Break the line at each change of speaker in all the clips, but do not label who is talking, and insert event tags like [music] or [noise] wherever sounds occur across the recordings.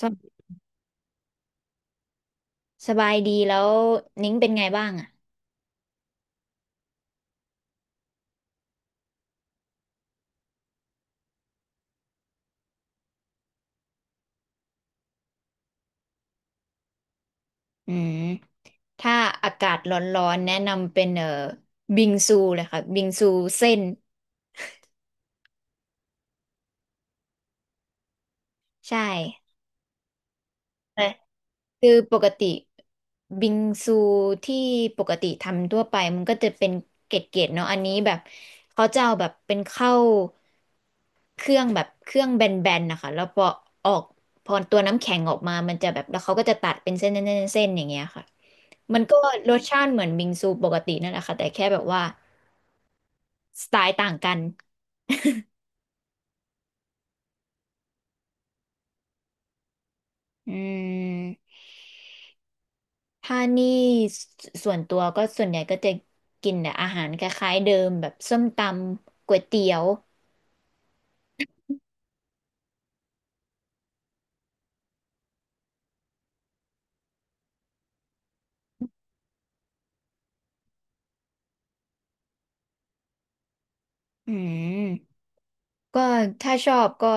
สบสบายดีแล้วนิ้งเป็นไงบ้างอ่ะอืมถ้าอากาศร้อนๆแนะนำเป็นบิงซูเลยค่ะบิงซูเส้นใช่แต่คือปกติบิงซูที่ปกติทำทั่วไปมันก็จะเป็นเกล็ดๆเนาะอันนี้แบบเขาจะเอาแบบเป็นข้าวเครื่องแบนๆนะคะแล้วพอออกพอตัวน้ำแข็งออกมามันจะแบบแล้วเขาก็จะตัดเป็นเส้นๆๆๆอย่างเงี้ยค่ะ มันก็รสชาติเหมือนบิงซูปกตินั่นแหละค่ะแต่แค่แบบว่าสไตล์ต่างกันอืมถ้านี่ส่วนตัวก็ส่วนใหญ่ก็จะกินแต่อาหารคล้ายๆเดิมแบบส้มตำก๋วยเตี๋ยวอืมก็ถ้าชอบก็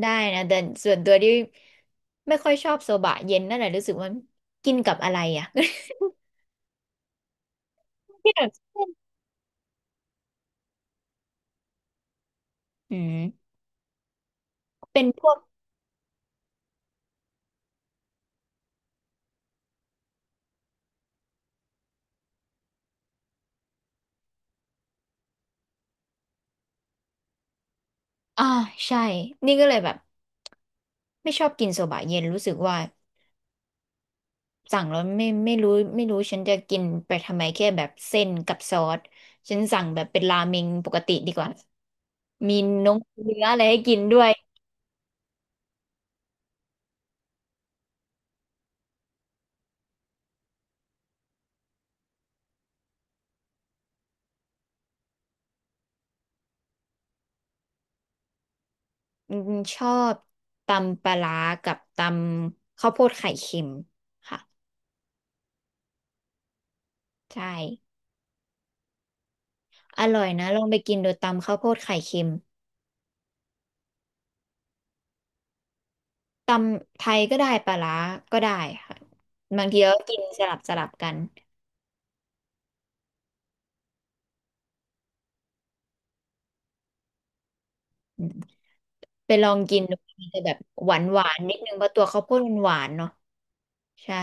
ได้นะแต่ส่วนตัวที่ไม่ค่อยชอบโซบะเย็นนั่นแหละรู้สึกว่ากินกับอะไรอ่ะ [laughs] ที่แบบอืมเป็นพวกอ่าใช่นี่ก็เลยแบบไม่ชอบกินโซบะเย็นรู้สึกว่า สั่งแล้วไม่รู้ฉันจะกินไปทำไมแค่แบบเส้นกับซอสฉันสั่งแบบเป็นราเมงปกติดีกว่ามีนงเนื้ออะไรให้กินด้วยอืมชอบตำปลาร้ากับตำข้าวโพดไข่เค็มค่ะใช่อร่อยนะลองไปกินโดูตำข้าวโพดไข่เค็มตำไทยก็ได้ปลาร้าก็ได้ค่ะบางทีก็กินสลับสลับกันอืมไปลองกินดูมันจะแบบหวานหวานนิดนึงเพราะตัวข้าวโพดมันหวานเนาะใช่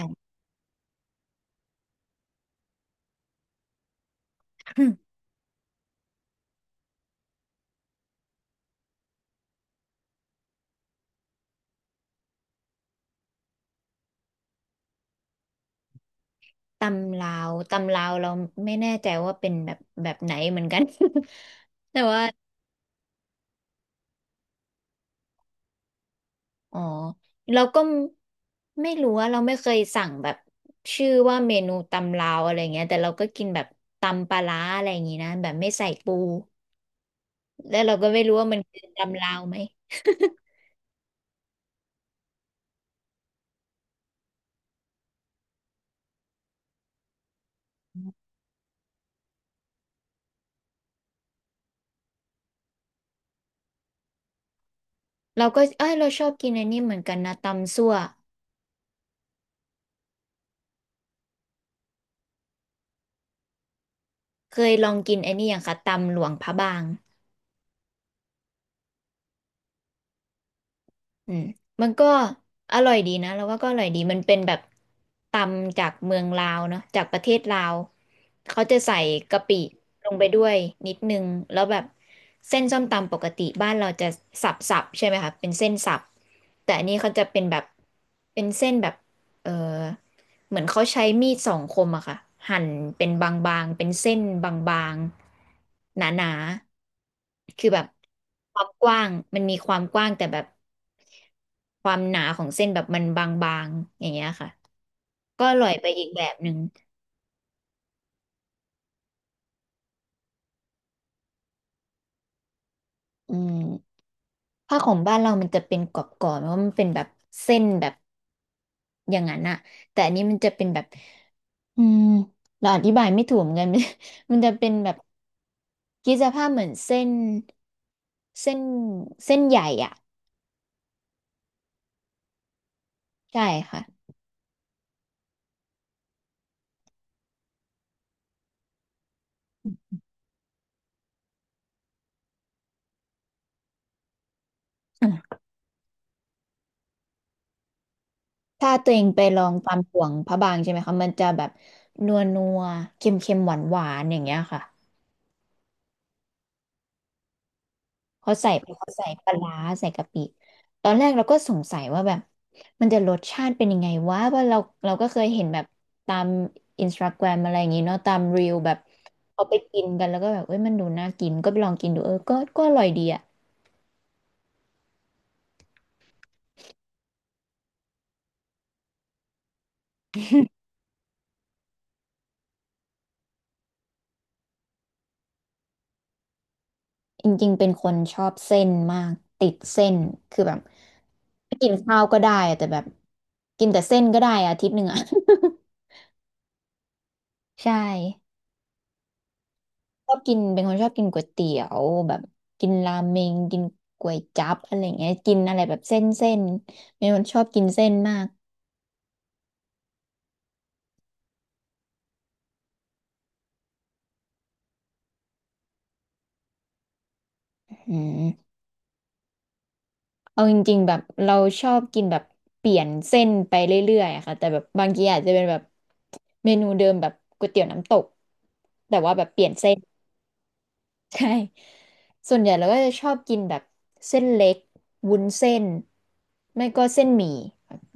ตำลาว ตำลาวเราไม่แน่ใจว่าเป็นแบบแบบไหนเหมือนกัน [laughs] แต่ว่าอ๋อเราก็ไม่รู้ว่าเราไม่เคยสั่งแบบชื่อว่าเมนูตำลาวอะไรเงี้ยแต่เราก็กินแบบตำปลาร้าอะไรอย่างงี้นะแบบไม่ใส่ปูแล้วเราก็ไม่รู้ว่ามันคือตำลาวไหม [laughs] เราก็เอ้ยเราชอบกินอันนี้เหมือนกันนะตำซั่วเคยลองกินอันนี้อย่างคะตำหลวงพระบาง อืมมันก็อร่อยดีนะเราว่าก็อร่อยดีมันเป็นแบบตำจากเมืองลาวเนาะจากประเทศลาวเขาจะใส่กะปิลงไปด้วยนิดนึงแล้วแบบเส้นส้มตำปกติบ้านเราจะสับๆใช่ไหมคะเป็นเส้นสับแต่อันนี้เขาจะเป็นแบบเป็นเส้นแบบ เออเหมือนเขาใช้มีดสองคมอะค่ะหั่นเป็นบางๆเป็นเส้นบางๆหนาๆคือแบบความกว้างมันมีความกว้างแต่แบบความหนาของเส้นแบบมันบางๆอย่างเงี้ยค่ะก็อร่อยไปอีกแบบหนึ่งอืมผ้าของบ้านเรามันจะเป็นกรอบๆเพราะมันเป็นแบบเส้นแบบอย่างนั้นอะแต่อันนี้มันจะเป็นแบบอืมเราอธิบายไม่ถูกเหมือนกัน [laughs] มันจะเป็นแบบ คิดสภาพเหมือนเส้น เส้นใหญ่อ่ะใช่ค่ะอืมถ้าตัวเองไปลองตามห่วงพระบางใช่ไหมคะมันจะแบบนัวนัวเค็มเค็มหวานหวานๆอย่างเงี้ยค่ะเขาใส่ปลาร้าใส่กะปิตอนแรกเราก็สงสัยว่าแบบมันจะรสชาติเป็นยังไงวะว่าเราเราก็เคยเห็นแบบตามอินสตาแกรมอะไรอย่างงี้เนาะตามรีลแบบเอาไปกินกันแล้วก็แบบเอ้ยมันดูน่ากินก็ไปลองกินดูเออก็อร่อยดีอะ จริงๆเป็นคนชอบเส้นมากติดเส้นคือแบบไม่กินข้าวก็ได้อะแต่แบบกินแต่เส้นก็ได้อาทิตย์หนึ่งอะ [laughs] ใช่ชอบกินเป็นคนชอบกินก๋วยเตี๋ยวแบบกินราเมงกินก๋วยจั๊บอะไรเงี้ยกินอะไรแบบเส้นเส้นเป็นคนชอบกินเส้นมากอืมเอาจริงๆแบบเราชอบกินแบบเปลี่ยนเส้นไปเรื่อยๆอะค่ะแต่แบบบางทีอาจจะเป็นแบบเมนูเดิมแบบก๋วยเตี๋ยวน้ำตกแต่ว่าแบบเปลี่ยนเส้น ใช่ ส่วนใหญ่เราก็จะชอบกินแบบเส้นเล็กวุ้นเส้น ไม่ก็เส้นหมี่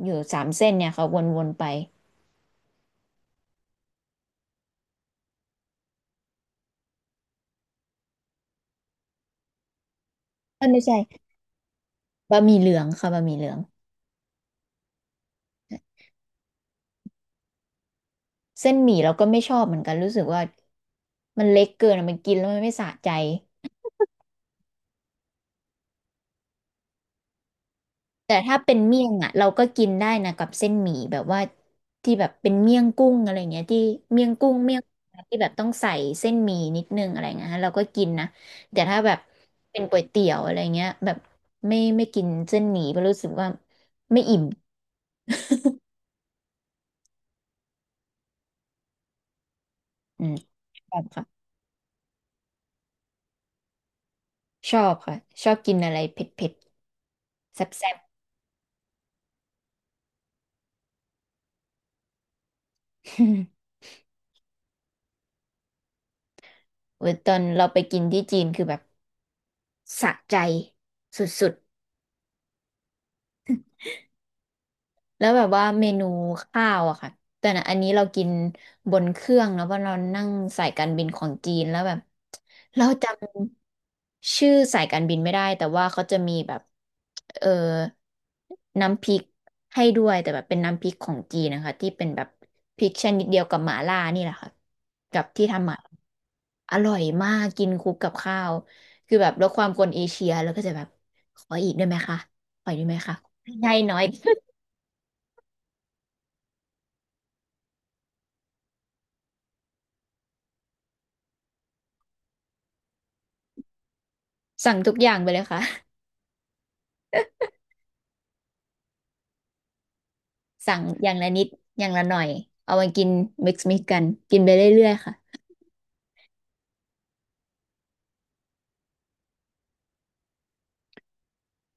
อยู่สามเส้นเนี่ยค่ะวนๆไปเอ้ยไม่ใช่บะหมี่เหลืองค่ะบะหมี่เหลืองเส้นหมี่เราก็ไม่ชอบเหมือนกันรู้สึกว่ามันเล็กเกินอะมันกินแล้วมันไม่สะใจ แต่ถ้าเป็นเมี่ยงอ่ะเราก็กินได้นะกับเส้นหมี่แบบว่าที่แบบเป็นเมี่ยงกุ้งอะไรเงี้ยที่เมี่ยงกุ้งเมี่ยงที่แบบต้องใส่เส้นหมี่นิดนึงอะไรเงี้ยฮะเราก็กินนะแต่ถ้าแบบเป็นก๋วยเตี๋ยวอะไรเงี้ยแบบไม่กินเส้นหมี่เพราะรู้สึกว่าไม่อิ่มอืมชอบค่ะชอบค่ะชอบกินอะไรเผ็ดเผ็ดแซ่บแซ่บ [laughs] โอ้ [laughs] ยตอนเราไปกินที่จีนคือแบบสะใจสุดๆ แล้วแบบว่าเมนูข้าวอะค่ะแต่นะอันนี้เรากินบนเครื่องเนอะเพราะเรานั่งสายการบินของจีนแล้วแบบเราจำชื่อสายการบินไม่ได้แต่ว่าเขาจะมีแบบเออน้ำพริกให้ด้วยแต่แบบเป็นน้ำพริกของจีนนะคะที่เป็นแบบพริกชนิดเดียวกับหม่าล่านี่แหละค่ะกับที่ทำหม่าล่าอร่อยมากกินคลุกกับข้าวคือแบบลดความคนเอเชียแล้วก็จะแบบขออีกได้ไหมคะขออีกได้ไหมคะให้น้อย สั่งทุกอย่างไปเลยค่ะ [laughs] สั่งอย่างละนิดอย่างละหน่อยเอามากิน mix mix กันกินไปเรื่อยๆค่ะ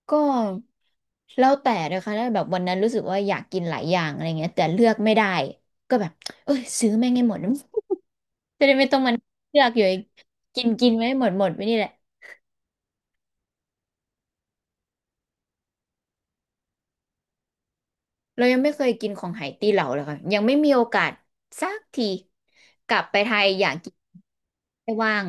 ก็แล้วแต่เลยค่ะถ้าแบบวันนั้นรู้สึกว่าอยากกินหลายอย่างอะไรเงี้ยแต่เลือกไม่ได้ก็แบบเอ้ยซื้อแม่งให้หมด [laughs] จะได้ไม่ต้องมันเลือกอยู่ไอ้กินกินไม่หมดไปนี่แหละเรายังไม่เคยกินของไหตี้เหลาเลยค่ะยังไม่มีโอกาสสักทีกลับไปไทยอยากกินไม่ว่าง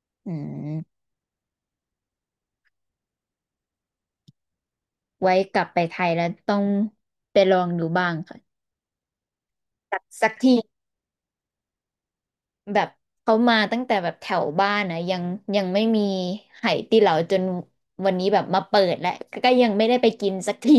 [laughs] อืมไว้กลับไปไทยแล้วต้องไปลองดูบ้างค่ะสักที แบบเขามาตั้งแต่แบบแถวบ้านนะยังไม่มีไหตีเหลาจนวันนี้แบบมาเปิดแล้วก็ยังไม่ได้ไปกินสักที [laughs]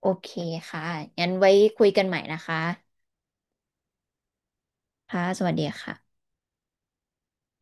โอเคค่ะงั้นไว้คุยกันใหม่นะคะค่ะสวัสดีค่ะ